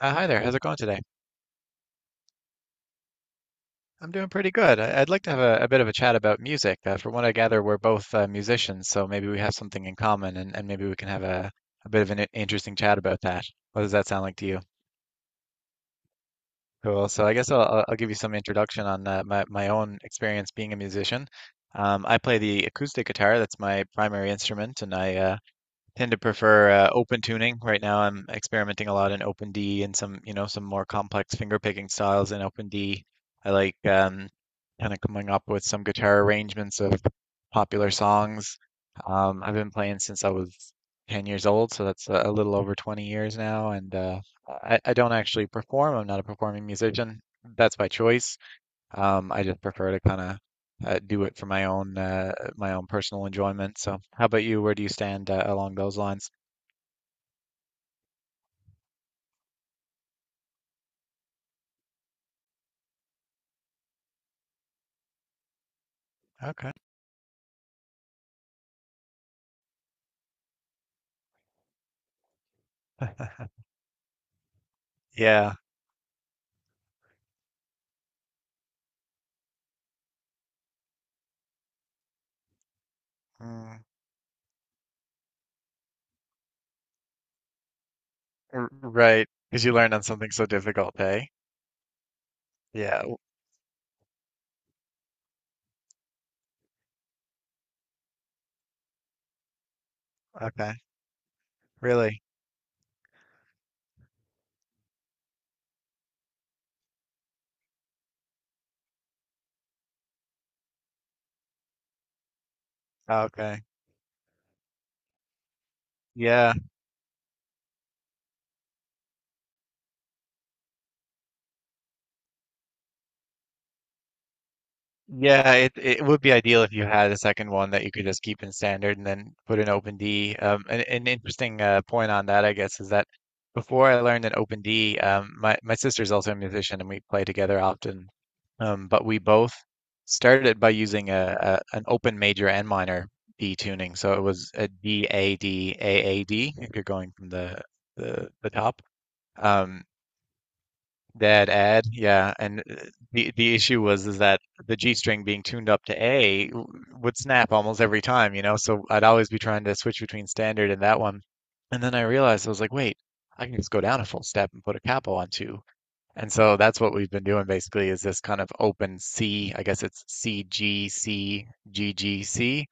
Hi there, how's it going today? I'm doing pretty good. I'd like to have a bit of a chat about music. From what I gather, we're both musicians, so maybe we have something in common and maybe we can have a bit of an interesting chat about that. What does that sound like to you? Cool. So I guess I'll give you some introduction on my own experience being a musician. I play the acoustic guitar, that's my primary instrument, and I tend to prefer open tuning. Right now, I'm experimenting a lot in OpenD and some, some more complex finger picking styles in OpenD. I like kind of coming up with some guitar arrangements of popular songs. I've been playing since I was 10 years old, so that's a little over 20 years now. And I don't actually perform. I'm not a performing musician. That's by choice. I just prefer to kind of do it for my own personal enjoyment. So, how about you? Where do you stand along those lines? Okay. Yeah. Mm, right. Because you learned on something so difficult, eh? Yeah. Okay. Really? Okay. Yeah. Yeah, it would be ideal if you had a second one that you could just keep in standard and then put in OpenD. An interesting point on that, I guess, is that before I learned in OpenD, my sister's also a musician and we play together often. But we both started by using a an open major and minor D tuning, so it was a DADAAD if you're going from the top. Um, yeah, and the issue was is that the G string being tuned up to A would snap almost every time. So I'd always be trying to switch between standard and that one, and then I realized I was like, wait, I can just go down a full step and put a capo on two. And so that's what we've been doing basically is this kind of open C, I guess it's CGCGGC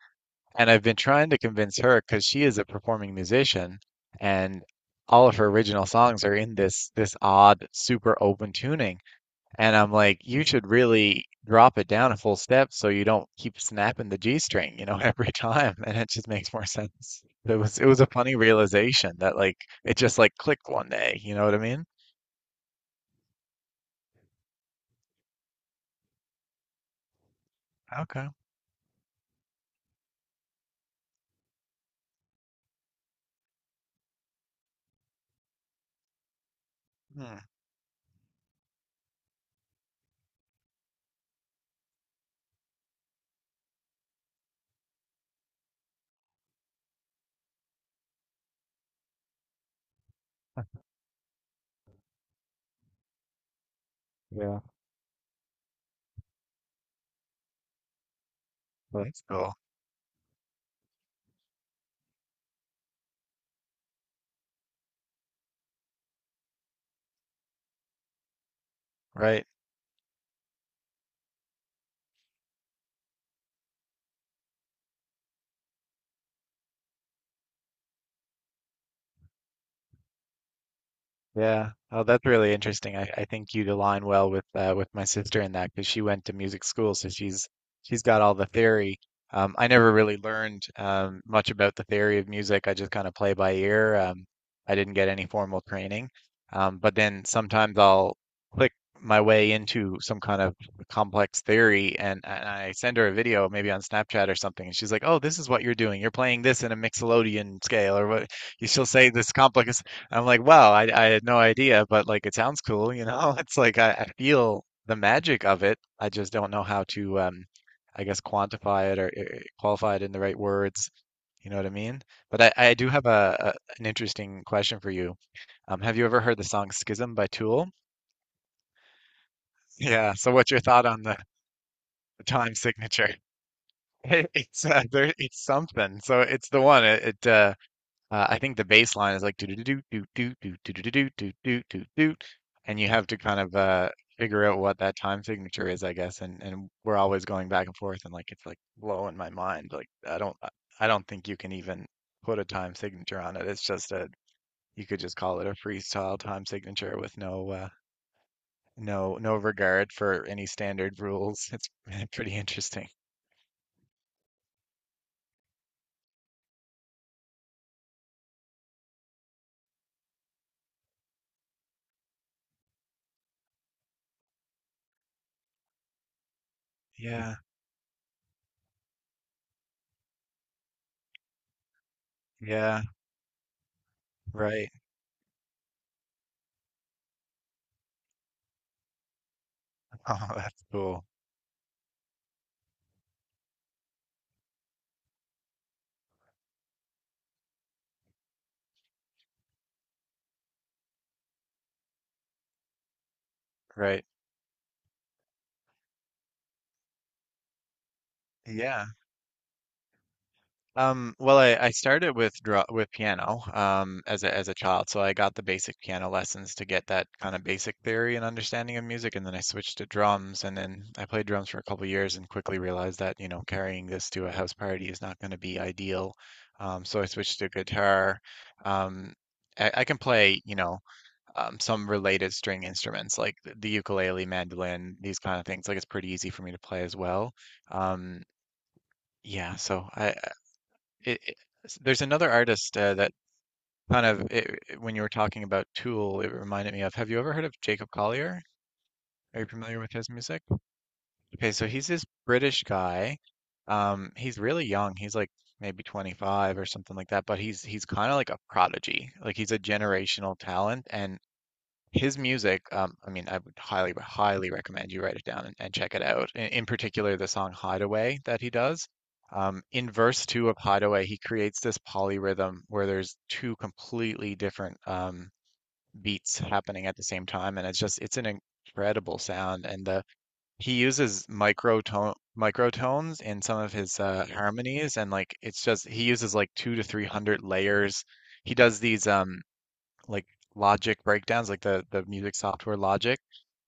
and I've been trying to convince her because she is a performing musician and all of her original songs are in this odd super open tuning. And I'm like, you should really drop it down a full step so you don't keep snapping the G string, every time. And it just makes more sense. It was a funny realization that like it just like clicked one day, you know what I mean? Okay. Hmm. Yeah. That's cool. Right. Yeah. Oh, that's really interesting. I think you'd align well with with my sister in that because she went to music school, so she's got all the theory. I never really learned much about the theory of music. I just kind of play by ear. I didn't get any formal training. But then sometimes I'll click my way into some kind of complex theory, and I send her a video, maybe on Snapchat or something, and she's like, "Oh, this is what you're doing. You're playing this in a mixolydian scale, or what?" You She'll say this complex. I'm like, wow, I had no idea, but like it sounds cool, you know? It's like I feel the magic of it. I just don't know how to, I guess, quantify it or qualify it in the right words. You know what I mean? But I do have a an interesting question for you. Have you ever heard the song Schism by Tool? Yeah. So what's your thought on the time signature? It's something. So it's the one. It I think the bass line is like do do do do do do do do do do do do do, and you have to kind of figure out what that time signature is, I guess. And we're always going back and forth, and like it's like blowing my mind. Like I don't think you can even put a time signature on it. It's just a you could just call it a freestyle time signature with no no regard for any standard rules. It's pretty interesting. Yeah, yeah, right. Oh, that's cool. Right. Yeah. Well, I started with draw with piano as a child, so I got the basic piano lessons to get that kind of basic theory and understanding of music, and then I switched to drums, and then I played drums for a couple years and quickly realized that carrying this to a house party is not going to be ideal, so I switched to guitar. Um, I can play some related string instruments like the ukulele, mandolin, these kind of things. Like it's pretty easy for me to play as well. Um, yeah, so it, it- there's another artist that when you were talking about Tool, it reminded me of. Have you ever heard of Jacob Collier? Are you familiar with his music? Okay, so he's this British guy. He's really young. He's like maybe 25 or something like that, but he's kind of like a prodigy. Like he's a generational talent and his music, I mean, I would highly, highly recommend you write it down and check it out. In particular, the song Hideaway that he does. In verse two of Hideaway, he creates this polyrhythm where there's two completely different beats happening at the same time, and it's just it's an incredible sound. And the he uses microtones in some of his harmonies, and like it's just he uses like two to three hundred layers. He does these like Logic breakdowns, like the music software Logic,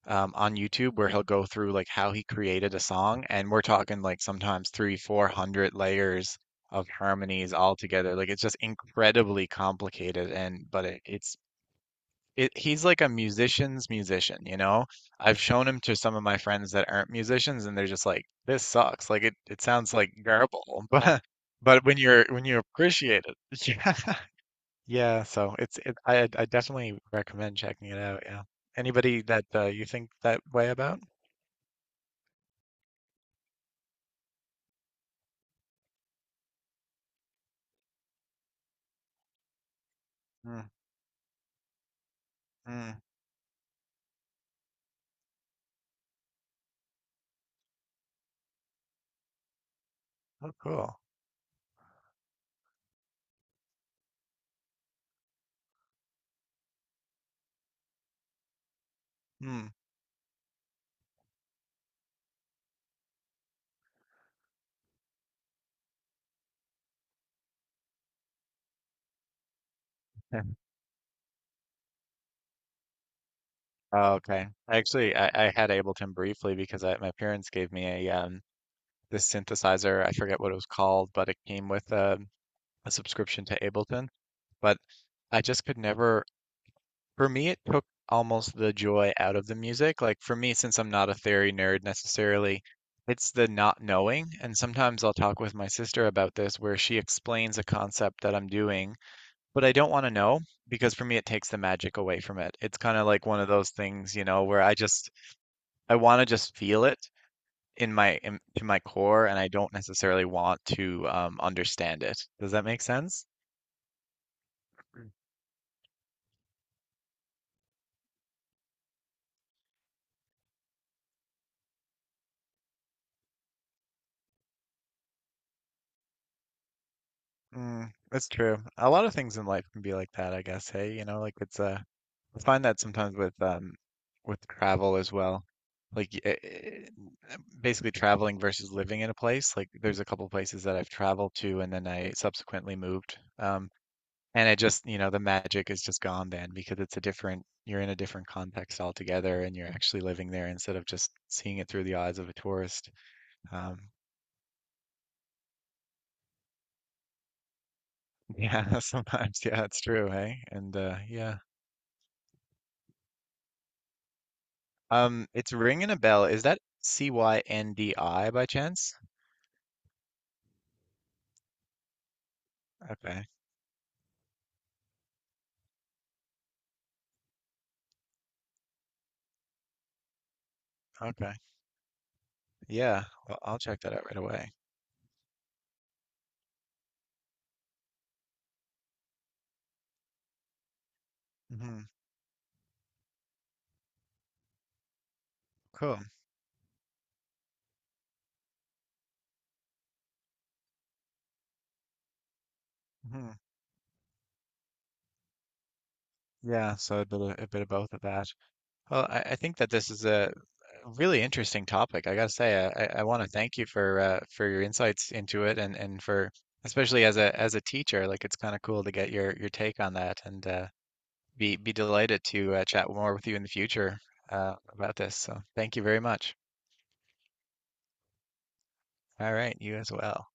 on YouTube where he'll go through like how he created a song, and we're talking like sometimes three, 400 layers of harmonies all together. Like it's just incredibly complicated, and but he's like a musician's musician, you know? I've shown him to some of my friends that aren't musicians, and they're just like, "This sucks. Like it sounds like garble." But when you appreciate it, yeah. Yeah, so I definitely recommend checking it out. Yeah, anybody that you think that way about? Mm, mm. Oh, cool. Mm. Oh, okay. Actually, I had Ableton briefly because my parents gave me a this synthesizer. I forget what it was called, but it came with a subscription to Ableton. But I just could never. For me, it took almost the joy out of the music. Like for me, since I'm not a theory nerd necessarily, it's the not knowing. And sometimes I'll talk with my sister about this where she explains a concept that I'm doing, but I don't want to know because for me, it takes the magic away from it. It's kind of like one of those things, where I want to just feel it to my core, and I don't necessarily want to understand it. Does that make sense? Mm, that's true. A lot of things in life can be like that, I guess. Hey, like it's I find that sometimes with travel as well. Like basically traveling versus living in a place. Like there's a couple places that I've traveled to and then I subsequently moved. And I just, the magic is just gone then because it's a different you're in a different context altogether and you're actually living there instead of just seeing it through the eyes of a tourist. Um yeah, sometimes yeah, it's true, hey? And yeah. It's ringing a bell. Is that Cyndi by chance? Okay. Okay. Yeah, well, I'll check that out right away. Hmm. Cool. Hmm. Yeah, so a bit of both of that. Well, I think that this is a really interesting topic. I gotta say, I want to thank you for your insights into it, and for especially as a teacher, like it's kind of cool to get your take on that, and be delighted to chat more with you in the future about this. So thank you very much. All right, you as well.